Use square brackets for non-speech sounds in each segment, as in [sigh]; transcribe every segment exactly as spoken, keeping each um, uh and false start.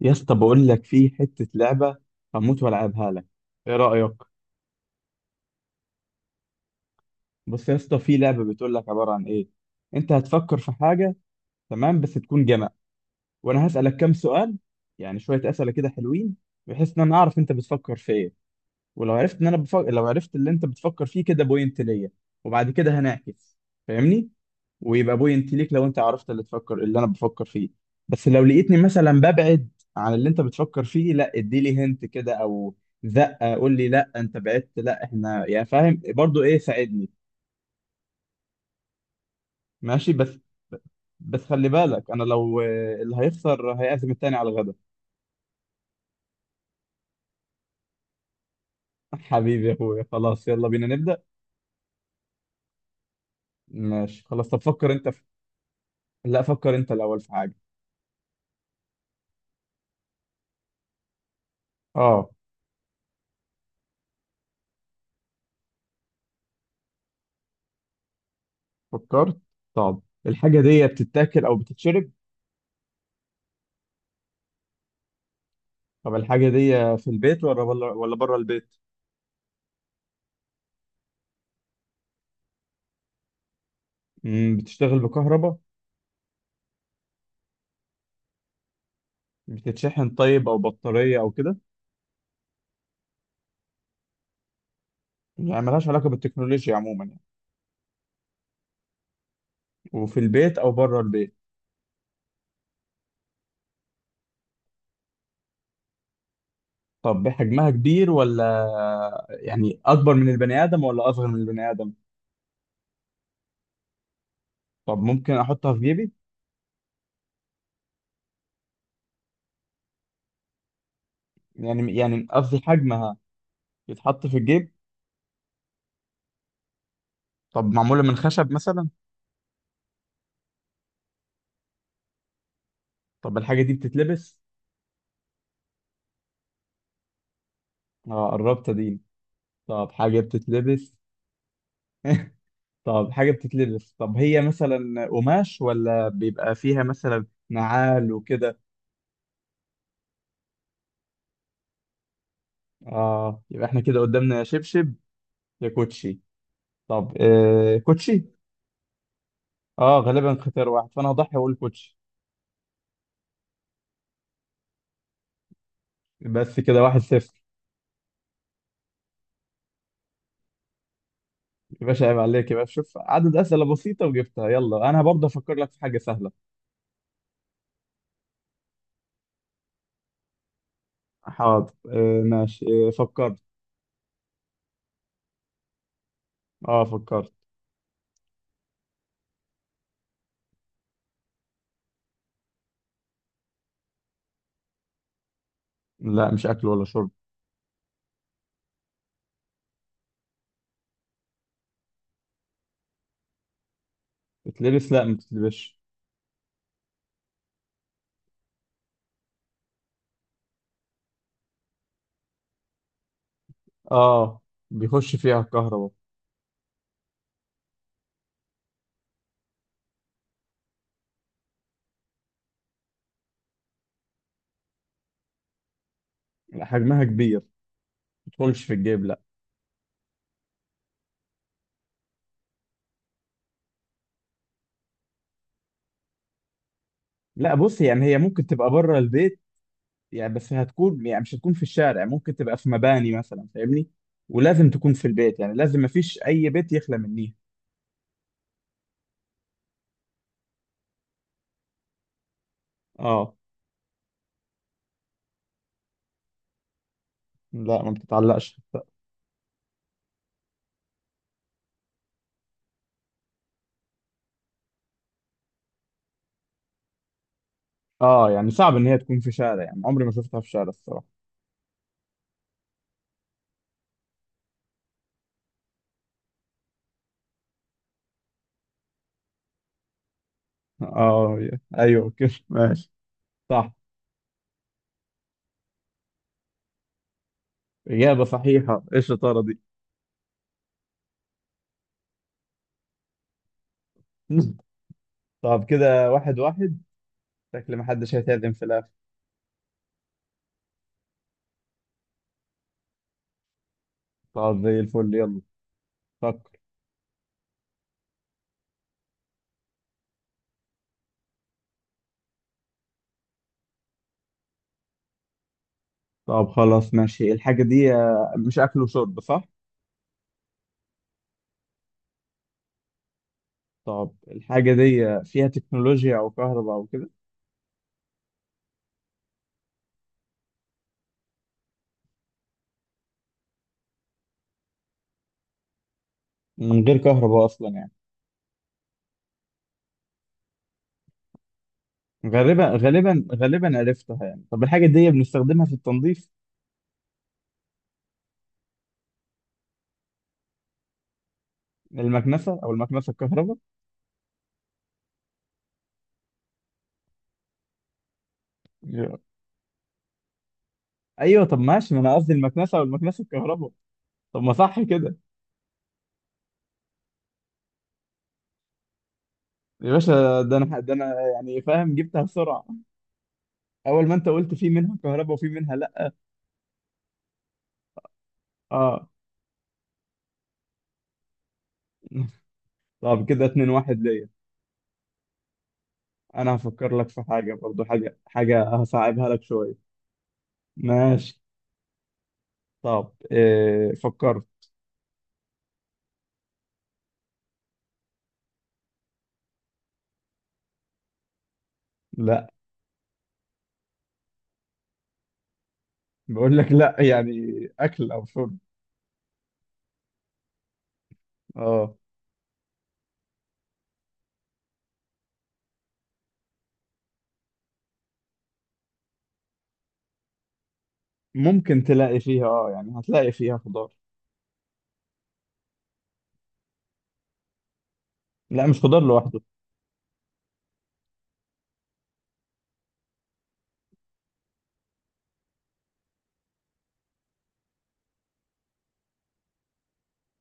يا اسطى بقول لك في حتة لعبة. هموت والعبها لك، ايه رأيك؟ بص يا اسطى، في لعبة بتقول لك عبارة عن ايه. انت هتفكر في حاجة، تمام، بس تكون جمع، وانا هسألك كام سؤال، يعني شوية أسئلة كده حلوين، بحيث ان انا اعرف انت بتفكر في ايه. ولو عرفت ان انا بفكر، لو عرفت اللي انت بتفكر فيه كده بوينت ليا، وبعد كده هنعكس، فاهمني؟ ويبقى بوينت ليك لو انت عرفت اللي تفكر اللي انا بفكر فيه. بس لو لقيتني مثلا ببعد عن اللي انت بتفكر فيه، لا اديلي هنت كده، او زقه، قول لي لا انت بعدت، لا احنا يعني فاهم برضو ايه، ساعدني. ماشي، بس بس خلي بالك انا لو آه، اللي هيخسر هيعزم التاني على الغدا. [laughs] حبيبي يا اخويا، خلاص يلا بينا نبدأ. ماشي خلاص، طب فكر انت في... لا فكر انت الاول في حاجة. اه فكرت. طب الحاجة دي بتتاكل او بتتشرب؟ طب الحاجة دي في البيت ولا بره، ولا بره البيت؟ مم، بتشتغل بكهرباء؟ بتتشحن طيب، أو بطارية أو كده؟ يعني ملهاش علاقة بالتكنولوجيا عموما يعني؟ وفي البيت أو بره البيت؟ طب حجمها كبير ولا، يعني أكبر من البني آدم ولا أصغر من البني آدم؟ طب ممكن أحطها في جيبي؟ يعني يعني قصدي حجمها يتحط في الجيب؟ طب معمولة من خشب مثلا؟ طب الحاجة دي بتتلبس؟ آه قربت دي. طب حاجة بتتلبس. [laughs] طب حاجة بتتلبس، طب هي مثلا قماش ولا بيبقى فيها مثلا نعال وكده؟ اه يبقى احنا كده قدامنا يا شبشب يا كوتشي. طب آه كوتشي. اه غالبا اختيار واحد، فانا هضحي واقول كوتشي. بس كده واحد صفر. يا باشا عيب عليك يا باشا، شوف عدد أسئلة بسيطة وجبتها. يلا انا برضه افكر لك في حاجة سهلة. حاضر. آه ماشي، آه فكرت. اه فكرت. لا مش اكل ولا شرب. بتلبس؟ لا ما بتتلبسش. اه بيخش فيها الكهرباء. لا، حجمها كبير، ما بتدخلش في الجيب، لا. لا بص، يعني هي ممكن تبقى بره البيت يعني، بس هتكون، يعني مش هتكون في الشارع، ممكن تبقى في مباني مثلا، فاهمني؟ ولازم تكون في البيت يعني، لازم، مفيش اي بيت يخلى من دي. اه. لا ما بتتعلقش. اه يعني صعب ان هي تكون في شارع، يعني عمري ما شفتها في شارع الصراحه. اه. ايوه كده. [laughs] ماشي، صح. اجابه صحيحه، ايه الشطاره دي! [laughs] طب كده واحد واحد، شكل ما حدش هيتعدم في الاخر. طب زي الفل، يلا فكر. طب خلاص ماشي، الحاجه دي، آه، مش اكل وشرب صح؟ طب الحاجة دي فيها تكنولوجيا أو كهرباء أو كده؟ من غير كهرباء أصلا يعني؟ غالبا غالبا غالبا عرفتها يعني. طب الحاجة دي بنستخدمها في التنظيف؟ المكنسة أو المكنسة الكهرباء. يا. أيوه طب ماشي، ما أنا قصدي المكنسة أو المكنسة الكهرباء، طب ما صح كده. يا باشا، ده أنا ده أنا يعني فاهم، جبتها بسرعة. أول ما أنت قلت في منها كهرباء وفي منها لأ. أه. [laughs] طب كده اتنين واحد ليا. أنا هفكر لك في حاجة برضو، حاجة حاجة هصعبها لك شوية. ماشي. طب إيه، فكرت. لا. بقول لك لا يعني، اكل او شرب. اه. ممكن تلاقي فيها، اه يعني هتلاقي فيها خضار. لا مش خضار لوحده.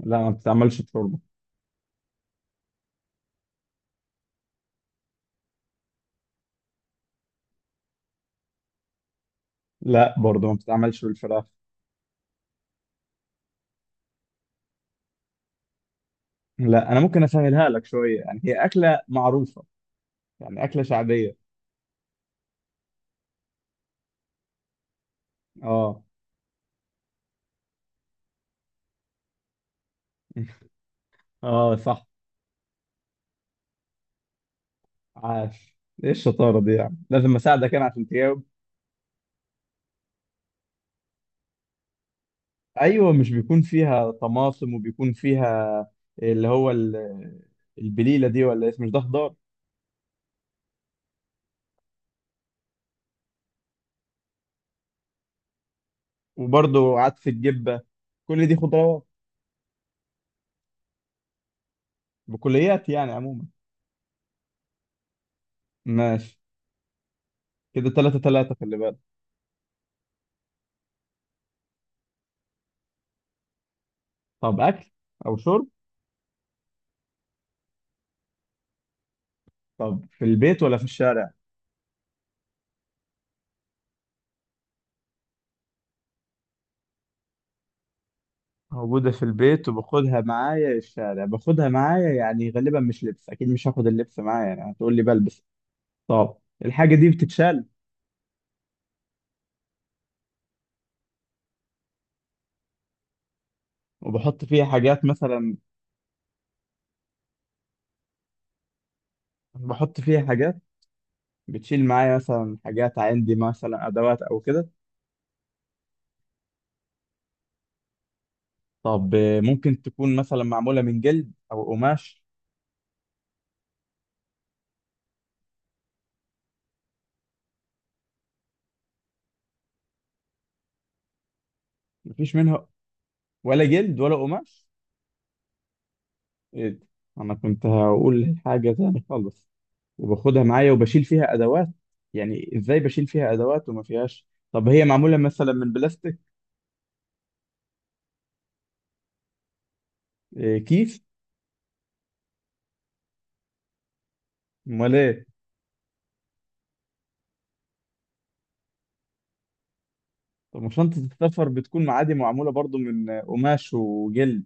لا ما بتتعملش بشوربه. لا برضه ما بتتعملش بالفراخ. لا انا ممكن اسهلها لك شويه، يعني هي اكله معروفه، يعني اكله شعبيه. اه. [laughs] اه صح. عاش، ايه الشطاره دي! يعني لازم اساعدك انا عشان تجاوب. ايوه، مش بيكون فيها طماطم وبيكون فيها، اللي هو ال- البليله دي، ولا اسمه، مش ده خضار. وبرضه عدس الجبة، كل دي خضروات، بكليات يعني عموما. ماشي. كده تلاتة تلاتة، خلي بالك. طب أكل أو شرب؟ طب في البيت ولا في الشارع؟ موجودة في البيت وباخدها معايا الشارع. باخدها معايا يعني، غالبا مش لبس، أكيد مش هاخد اللبس معايا يعني، هتقول لي بلبس. طب الحاجة دي بتتشال وبحط فيها حاجات مثلا؟ بحط فيها حاجات، بتشيل معايا مثلا حاجات، عندي مثلا أدوات أو كده. طب آه، ممكن تكون مثلا معمولة من جلد أو قماش؟ مفيش منها ولا جلد ولا قماش؟ ايه ده، انا كنت هقول حاجه تاني خالص. وباخدها معايا وبشيل فيها ادوات، يعني ازاي بشيل فيها ادوات وما فيهاش؟ طب هي معموله مثلا من بلاستيك؟ إيه، كيس؟ امال ايه؟ طب ما شنطه السفر بتكون عادي معموله برضو من آه، قماش وجلد.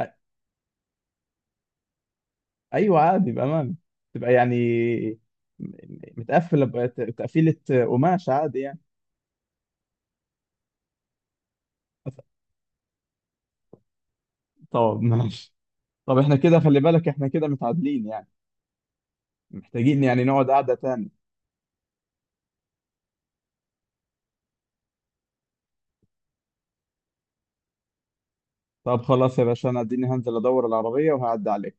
أ- ايوه عادي، بامانه، تبقى يعني م- متقفله بقى، ت- تقفيله، آه، قماش عادي يعني. طب ماشي. طب احنا كده خلي بالك، احنا كده متعادلين يعني، محتاجين يعني نقعد قعده تاني. طب خلاص يا باشا، انا اديني هنزل ادور العربية وهعدي عليك.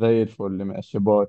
زي الفل، ماشي، باي.